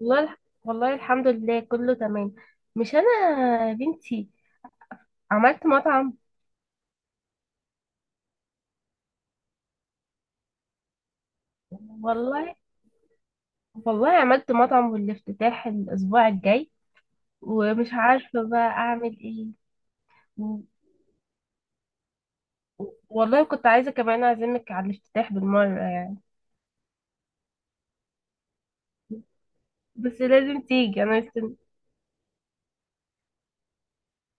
والله الح- والله الحمد لله كله تمام. مش انا يا بنتي عملت مطعم. والله والله عملت مطعم والافتتاح الاسبوع الجاي. ومش عارفه بقى اعمل ايه. و- والله كنت عايزه كمان اعزمك على الافتتاح بالمره يعني. بس لازم تيجي انا مستني.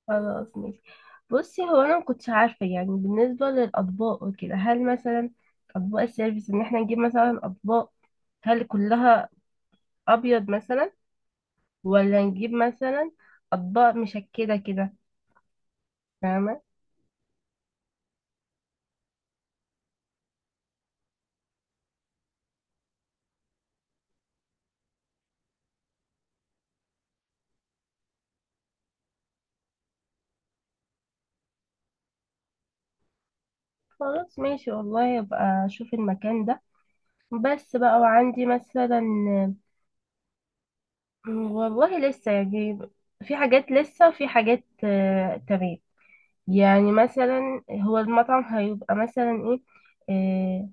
خلاص ماشي. بصي هو انا ما كنتش عارفه يعني بالنسبه للاطباق وكده، هل مثلا اطباق السيرفيس ان احنا نجيب مثلا اطباق، هل كلها ابيض مثلا، ولا نجيب مثلا اطباق مشكله كده، فاهمه؟ خلاص ماشي. والله ابقى اشوف المكان ده. بس بقى، وعندي مثلا والله لسه يعني، في حاجات لسه وفي حاجات تمام. يعني مثلا هو المطعم هيبقى مثلا ايه آه،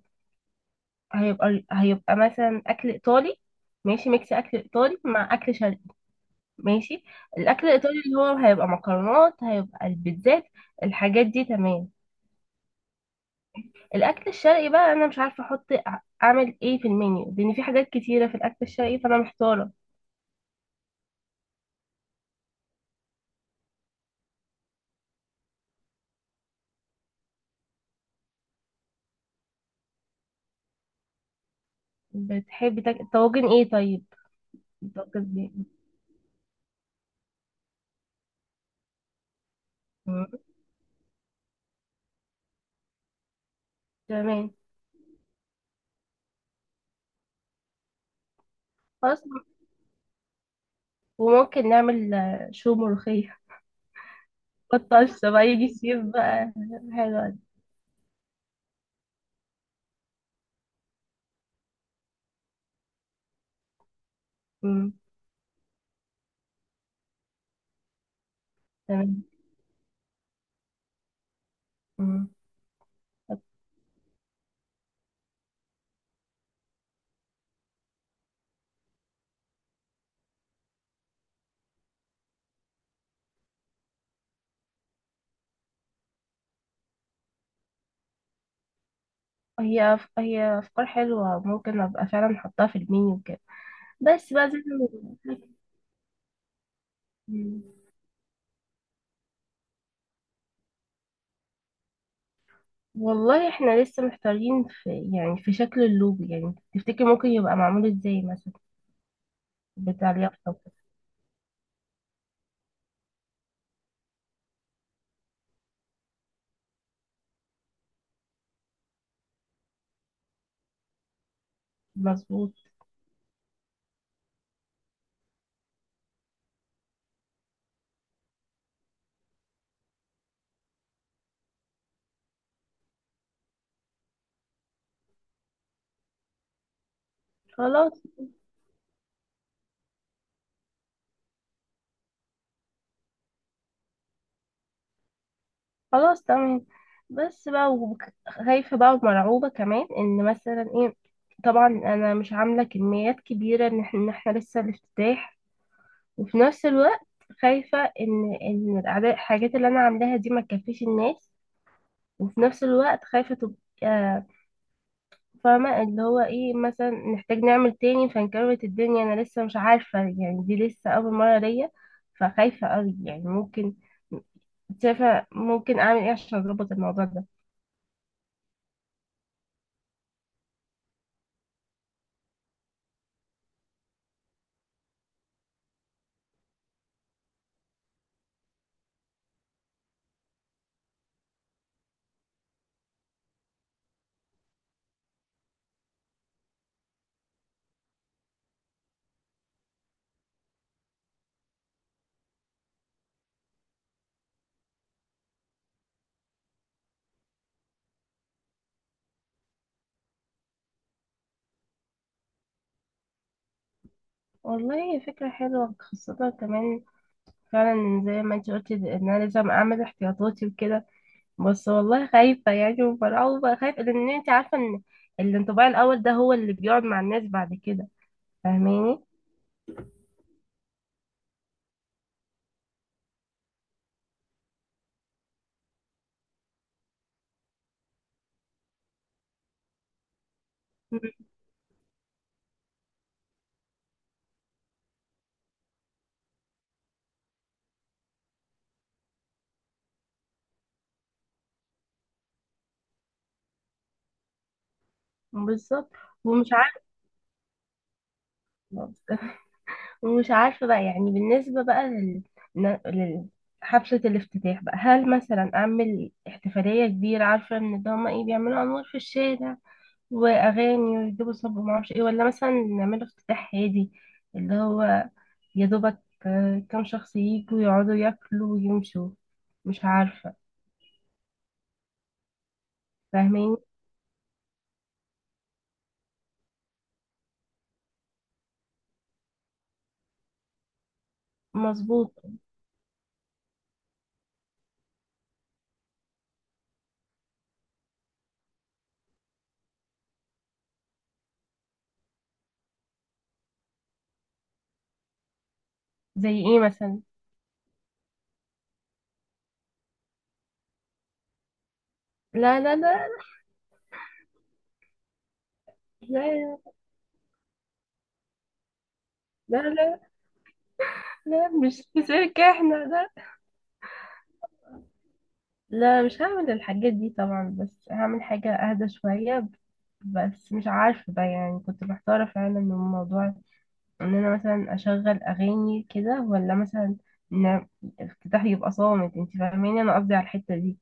هيبقى مثلا اكل ايطالي. ماشي، ميكس اكل ايطالي مع اكل شرقي. ماشي. الاكل الايطالي اللي هو هيبقى مكرونات، هيبقى البيتزات، الحاجات دي تمام. الاكل الشرقي بقى، انا مش عارفه احط اعمل ايه في المنيو، لان في حاجات كتيره في الاكل الشرقي فانا محتاره. طواجن ايه طيب؟ طواجن إيه؟ مم. تمام. خلاص. وممكن نعمل شو ملوخيه. الطشه بقى يجي الصيف بقى. حلوه دي. مم. تمام. مم. طب هي افكار حلوه، ممكن ابقى فعلا احطها في المنيو كده. بس بقى زي ما- مم. والله احنا لسه محتارين في يعني في شكل اللوجو، يعني تفتكر ممكن يبقى معمول ازاي مثلا بتاع اليافطة؟ مظبوط. خلاص. خلاص تمام. خايفة بقى ومرعوبة كمان ان مثلا ايه. طبعا انا مش عاملة كميات كبيرة، إن إحنا لسه الافتتاح، وفي نفس الوقت خايفة ان الحاجات اللي انا عاملاها دي ما تكفيش الناس، وفي نفس الوقت خايفة تبقى، فاهمة اللي هو ايه، مثلا نحتاج نعمل تاني فانكربت الدنيا. انا لسه مش عارفة يعني، دي لسه اول مرة ليا، فخايفة قوي يعني. ممكن شايفة ممكن اعمل ايه عشان اظبط الموضوع ده؟ والله هي فكرة حلوة خاصة كمان، فعلا زي ما انت قلتي ان انا لازم اعمل احتياطاتي وكده. بس والله خايفة يعني ومرعوبة، خايفة لان انت عارفة ان الانطباع الاول ده هو اللي بيقعد مع الناس بعد كده، فاهماني؟ مم. بالظبط. ومش عارفة ومش عارفة بقى يعني بالنسبة بقى لل- حفلة الافتتاح بقى، هل مثلا أعمل احتفالية كبيرة، عارفة إن ده هما إيه، بيعملوا أنوار في الشارع وأغاني ويجيبوا صب ومعرفش إيه، ولا مثلا نعمله افتتاح هادي، اللي هو يا دوبك كام شخص ييجوا يقعدوا ياكلوا ويمشوا؟ مش عارفة، فاهمين؟ مظبوط. زي إيه مثلا؟ لا لا لا. لا لا لا، لا مش في سيرك احنا، لا. لا مش هعمل الحاجات دي طبعا، بس هعمل حاجة أهدى شوية. بس مش عارفة بقى يعني، كنت محتارة فعلا من موضوع إن أنا مثلا أشغل أغاني كده، ولا مثلا إن الافتتاح يبقى صامت. انت فاهماني، أنا قصدي على الحتة دي.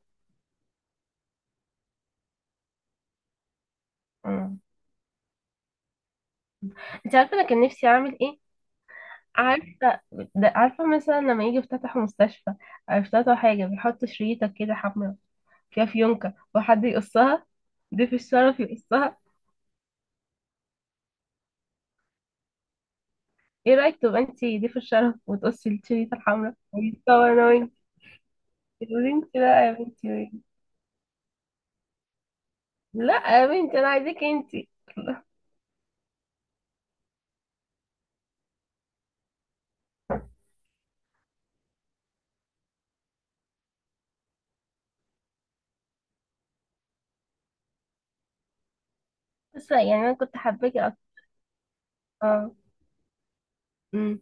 مم. انت عارفة أنا كان نفسي أعمل إيه؟ عارفة، ده عارفة مثلا لما يجي يفتتحوا مستشفى، أو يفتتحوا حاجة بيحطوا شريطة كده حمراء فيها فيونكة وحد يقصها، ضيف الشرف يقصها. ايه رايك تبقى انت ضيف الشرف وتقصي الشريطه الحمراء ونتصور انا وانت؟ تقولي انت لا يا بنتي، وين؟ لا يا بنتي، انا عايزاك انت. بس لا، يعني انا كنت حباكي اكتر. اه. أمم.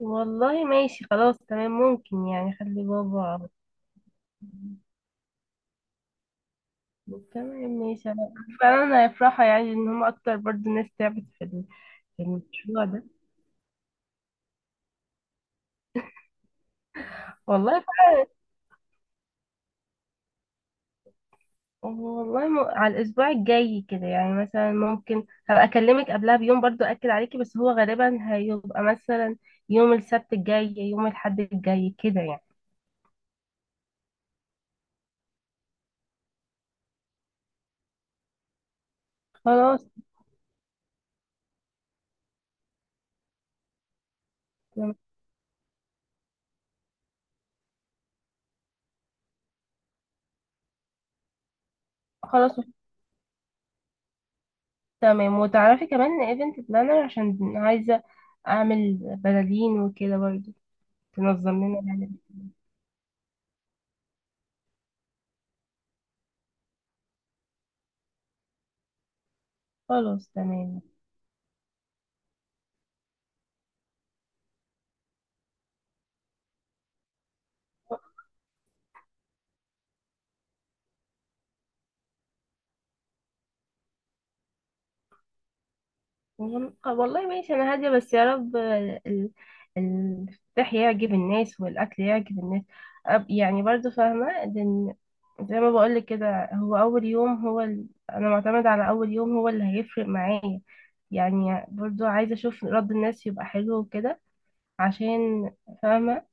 والله ماشي خلاص تمام، ممكن يعني خلي بابا. تمام ماشي. انا فعلا هيفرحوا يعني ان هم اكتر، برضو ناس تعبت في في المشروع ده. والله، على الأسبوع الجاي كده يعني، مثلا ممكن هبقى أكلمك قبلها بيوم برضو أكد عليكي، بس هو غالبا هيبقى مثلا يوم السبت الجاي يوم الأحد الجاي كده يعني. خلاص تمام- خلاص تمام. وتعرفي كمان إن ايفنت بلانر عشان عايزة أعمل بلالين وكده برضو، تنظم لنا يعني. خلاص تمام. والله ماشي انا هاديه، بس يا رب الفلاح يعجب الناس والاكل يعجب الناس. يعني برضو فاهمه، لان زي ما بقولك كده، هو اول يوم هو انا معتمد على اول يوم هو اللي هيفرق معايا، يعني برضو عايزه اشوف رد الناس يبقى حلو وكده، عشان، فاهمه،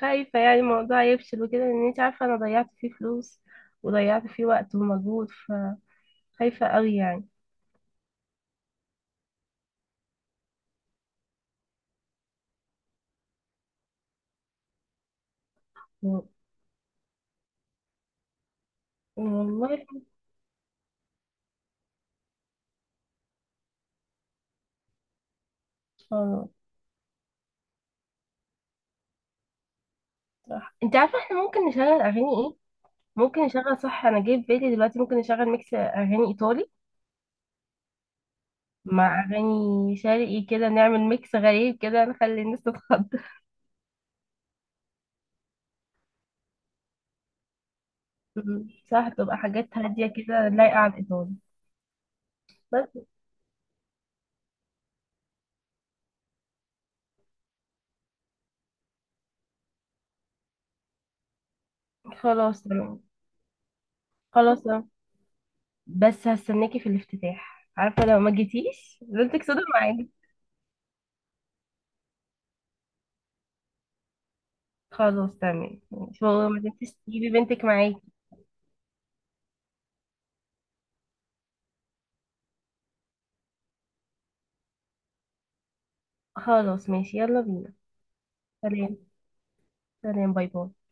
خايفه يعني الموضوع يفشل وكده، لان انت عارفه انا ضيعت فيه فلوس، وضيعت فيه وقت ومجهود، فخايفه قوي يعني. و- والله صح، انت عارفه احنا ممكن نشغل اغاني ايه، ممكن نشغل، صح انا جاي في بالي دلوقتي، ممكن نشغل ميكس اغاني ايطالي مع اغاني شرقي، كده نعمل ميكس غريب كده نخلي الناس تتخض. مم. صح، تبقى حاجات هاديه كده لايقه على الايطالي. بس خلاص تمام. خلاص تمام بس هستناكي في الافتتاح، عارفه لو ما جيتيش بنتك صدق معاكي. خلاص تمام، مش ما تنسيش تجيبي بنتك معاكي. خلاص ماشي، يلا بينا. سلام. سلام، باي باي.